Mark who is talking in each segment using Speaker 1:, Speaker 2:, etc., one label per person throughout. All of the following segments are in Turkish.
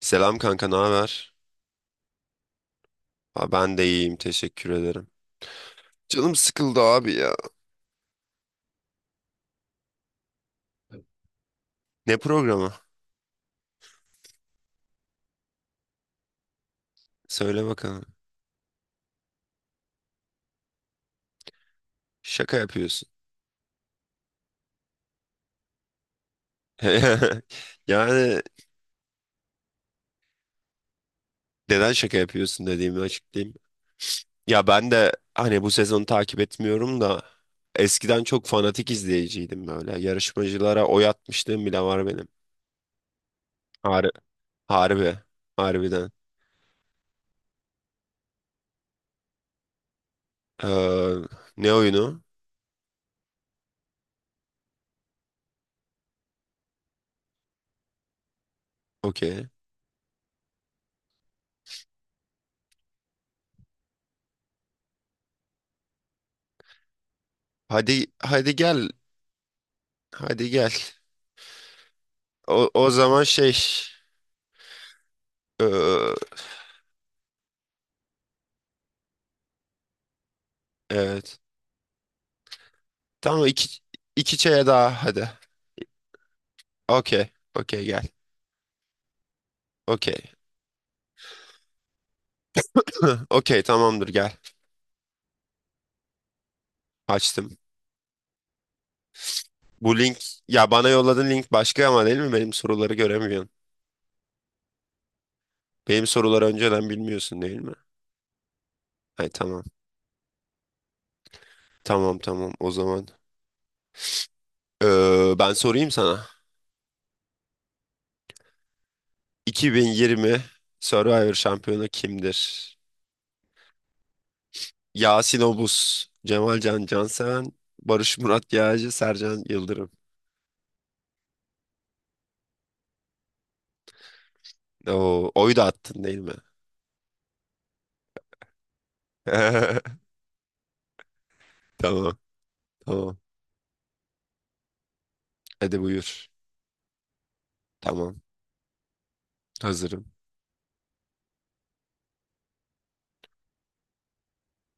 Speaker 1: Selam kanka, ne haber? Ha, ben de iyiyim, teşekkür ederim. Canım sıkıldı abi ya. Ne programı? Söyle bakalım. Şaka yapıyorsun. Yani neden şaka yapıyorsun dediğimi açıklayayım. Ya ben de hani bu sezonu takip etmiyorum da eskiden çok fanatik izleyiciydim böyle. Yarışmacılara oy atmışlığım bile var benim. Har harbi, harbiden. Ee, Ne oyunu? Okey. Hadi hadi gel. Hadi gel. O zaman şey. Ee, evet. Tamam, iki çaya daha hadi. Okey. Okey gel. Okey. Okey tamamdır gel. Açtım. Bu link, ya bana yolladığın link başka ama değil mi? Benim soruları göremiyorsun. Benim soruları önceden bilmiyorsun değil mi? Hay tamam. Tamam tamam o zaman. Ben sorayım sana. 2020 Survivor şampiyonu kimdir? Yasin Obuz, Cemalcan Canseven, Barış Murat Yağcı, Sercan Yıldırım. Oo, oy da attın değil mi? Tamam, tamam. Hadi buyur. Tamam, hazırım.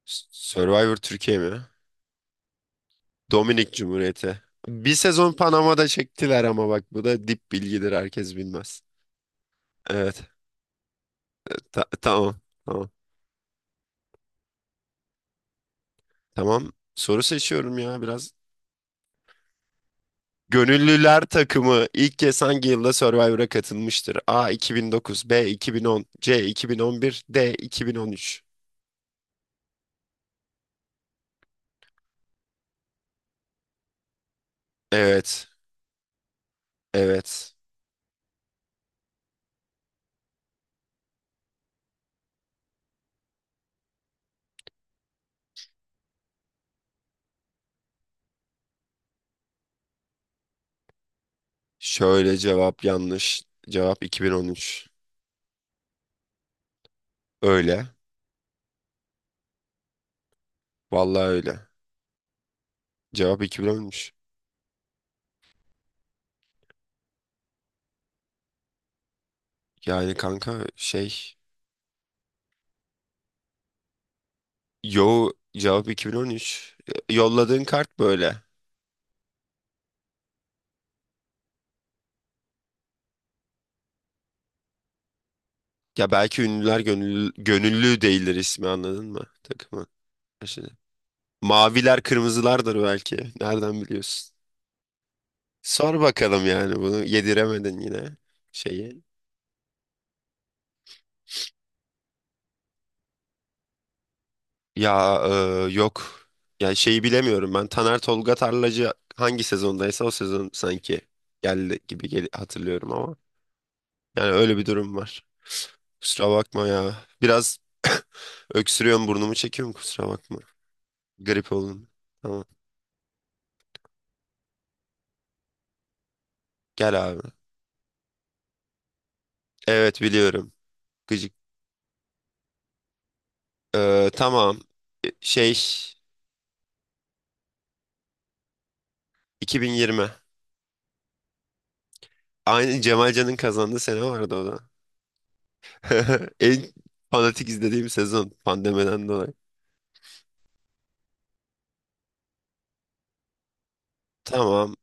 Speaker 1: Survivor Türkiye mi? Dominik Cumhuriyeti. Bir sezon Panama'da çektiler ama bak bu da dip bilgidir, herkes bilmez. Evet, tamam, tamam. Tamam, soru seçiyorum ya biraz. Gönüllüler takımı ilk kez hangi yılda Survivor'a katılmıştır? A 2009, B 2010, C 2011, D 2013. Evet, evet. Şöyle, cevap yanlış. Cevap 2013. Öyle. Vallahi öyle. Cevap 2013. Yani kanka, yo, cevap 2013. Yolladığın kart böyle. Ya belki ünlüler gönüllü değildir ismi, anladın mı? Takımı. Şimdi. Maviler kırmızılardır belki. Nereden biliyorsun? Sor bakalım, yani bunu yediremedin yine şeyi. Ya, yok. Ya şeyi bilemiyorum ben. Taner Tolga Tarlacı hangi sezondaysa o sezon sanki geldi gibi gel hatırlıyorum ama. Yani öyle bir durum var. Kusura bakma ya. Biraz öksürüyorum, burnumu çekiyorum, kusura bakma. Grip oldum. Tamam. Gel abi. Evet biliyorum. Gıcık. Tamam. E, Şey 2020. Aynı Cemalcan'ın kazandığı sene vardı o da. En fanatik izlediğim sezon, pandemiden dolayı. Tamam.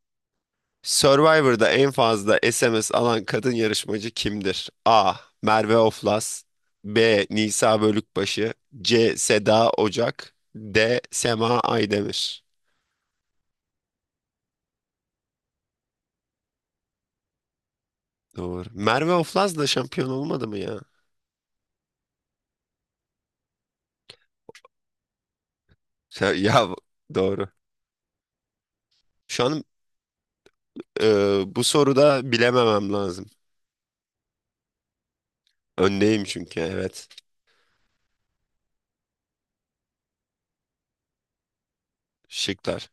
Speaker 1: Survivor'da en fazla SMS alan kadın yarışmacı kimdir? A. Merve Oflas, B. Nisa Bölükbaşı, C. Seda Ocak, D. Sema Aydemir. Doğru. Merve Oflaz da şampiyon olmadı mı ya? Ya, ya, doğru. Şu an bu soruda bilememem lazım. Öndeyim, çünkü evet. Şıklar.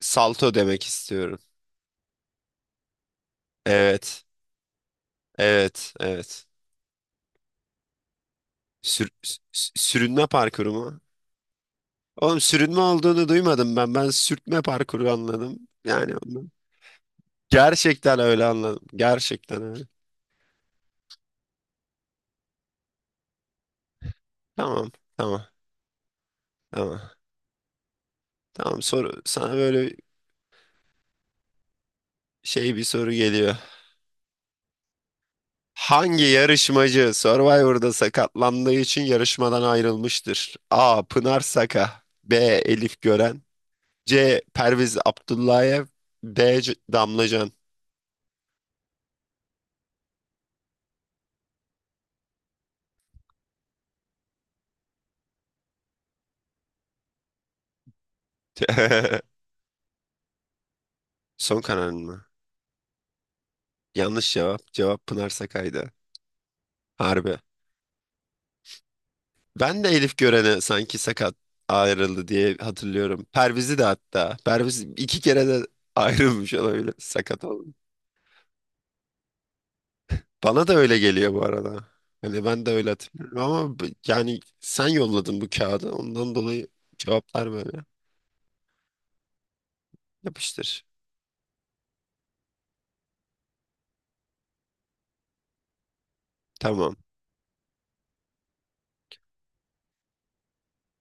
Speaker 1: Salto demek istiyorum. Evet. Evet. Evet. Sür- Sürünme parkuru mu? Oğlum, sürünme olduğunu duymadım ben. Ben sürtme parkuru anladım. Yani gerçekten öyle anladım. Gerçekten öyle. Tamam, tamam, tamam. Tamam, soru sana böyle bir soru geliyor. Hangi yarışmacı Survivor'da sakatlandığı için yarışmadan ayrılmıştır? A. Pınar Saka, B. Elif Gören, C. Perviz Abdullayev, D. Damla. Son kararın mı? Yanlış cevap. Cevap Pınar Saka'ydı. Harbi. Ben de Elif Gören'e sanki sakat ayrıldı diye hatırlıyorum. Perviz'i de hatta. Perviz iki kere de ayrılmış olabilir. Sakat oldu. Bana da öyle geliyor bu arada. Hani ben de öyle hatırlıyorum ama yani sen yolladın bu kağıdı. Ondan dolayı cevaplar böyle. Yapıştır. Tamam.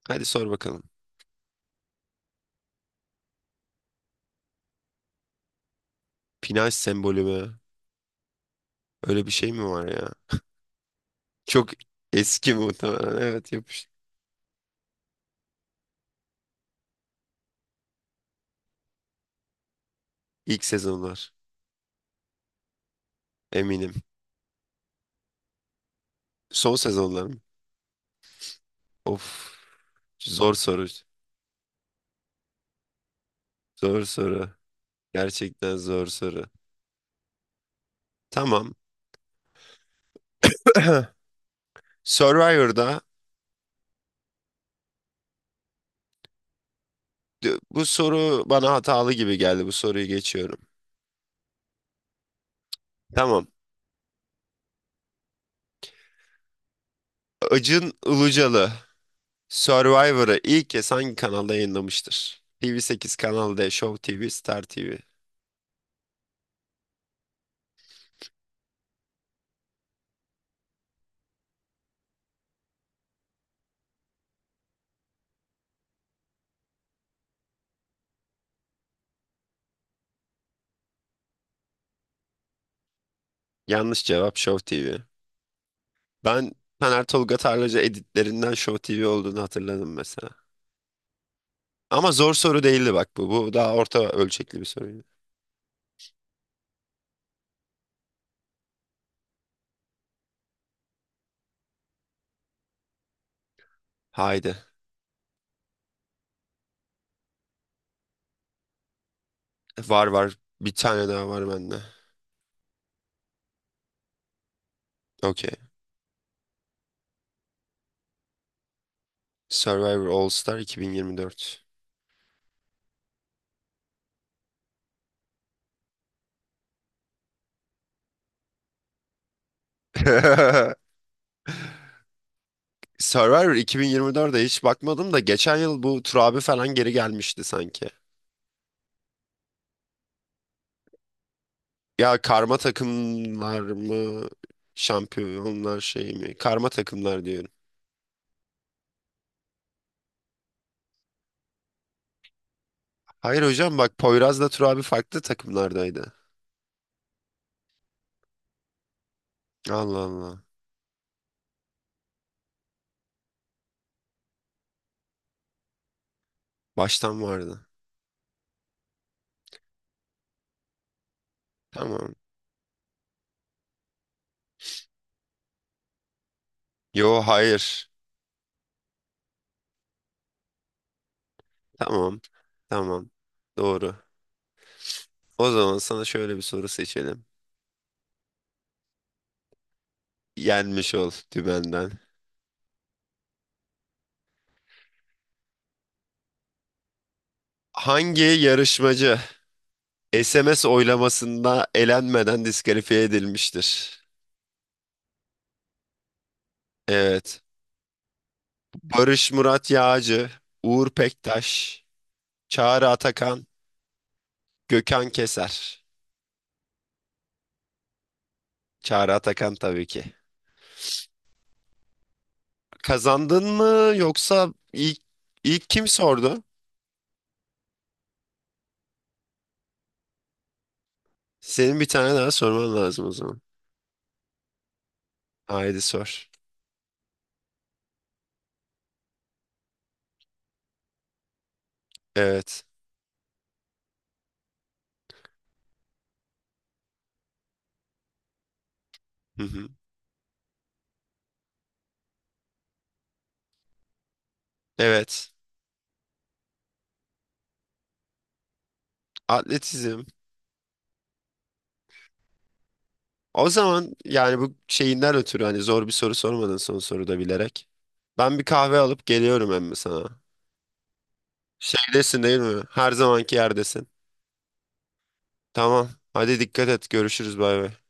Speaker 1: Hadi sor bakalım. Pinaj sembolü mü? Öyle bir şey mi var ya? Çok eski muhtemelen. Evet, yapıştır. İlk sezonlar. Eminim. Son sezonlar mı? Of. Zor soru. Zor soru. Gerçekten zor soru. Tamam. Survivor'da Bu soru bana hatalı gibi geldi. Bu soruyu geçiyorum. Tamam. Acun Ilıcalı Survivor'ı ilk kez hangi kanalda yayınlamıştır? TV8, Kanal D, Show TV, Star TV. Yanlış cevap, Show TV. Ben Taner Tolga Tarlacı editlerinden Show TV olduğunu hatırladım mesela. Ama zor soru değildi bak bu. Bu daha orta ölçekli bir soruydu. Haydi. Var var. Bir tane daha var bende. Okey. Survivor All Star 2024. Survivor 2024'e hiç bakmadım da geçen yıl bu Tur abi falan geri gelmişti sanki. Ya karma takımlar mı? Şampiyonlar şey mi? Karma takımlar diyorum. Hayır hocam, bak Poyraz'la Tur abi farklı takımlardaydı. Allah Allah. Baştan vardı. Tamam. Yo, hayır. Tamam. Tamam. Doğru. O zaman sana şöyle bir soru seçelim. Yenmiş ol dümenden. Hangi yarışmacı SMS oylamasında elenmeden diskalifiye edilmiştir? Evet. Barış Murat Yağcı, Uğur Pektaş, Çağrı Atakan, Gökhan Keser. Çağrı Atakan tabii ki. Kazandın mı, yoksa ilk kim sordu? Senin bir tane daha sorman lazım o zaman. Haydi sor. Evet. Hı hı. Evet. Atletizm. O zaman yani bu şeyinden ötürü hani zor bir soru sormadın son soruda, bilerek. Ben bir kahve alıp geliyorum emmi sana. Şeydesin değil mi? Her zamanki yerdesin. Tamam. Hadi dikkat et. Görüşürüz. Bay bay.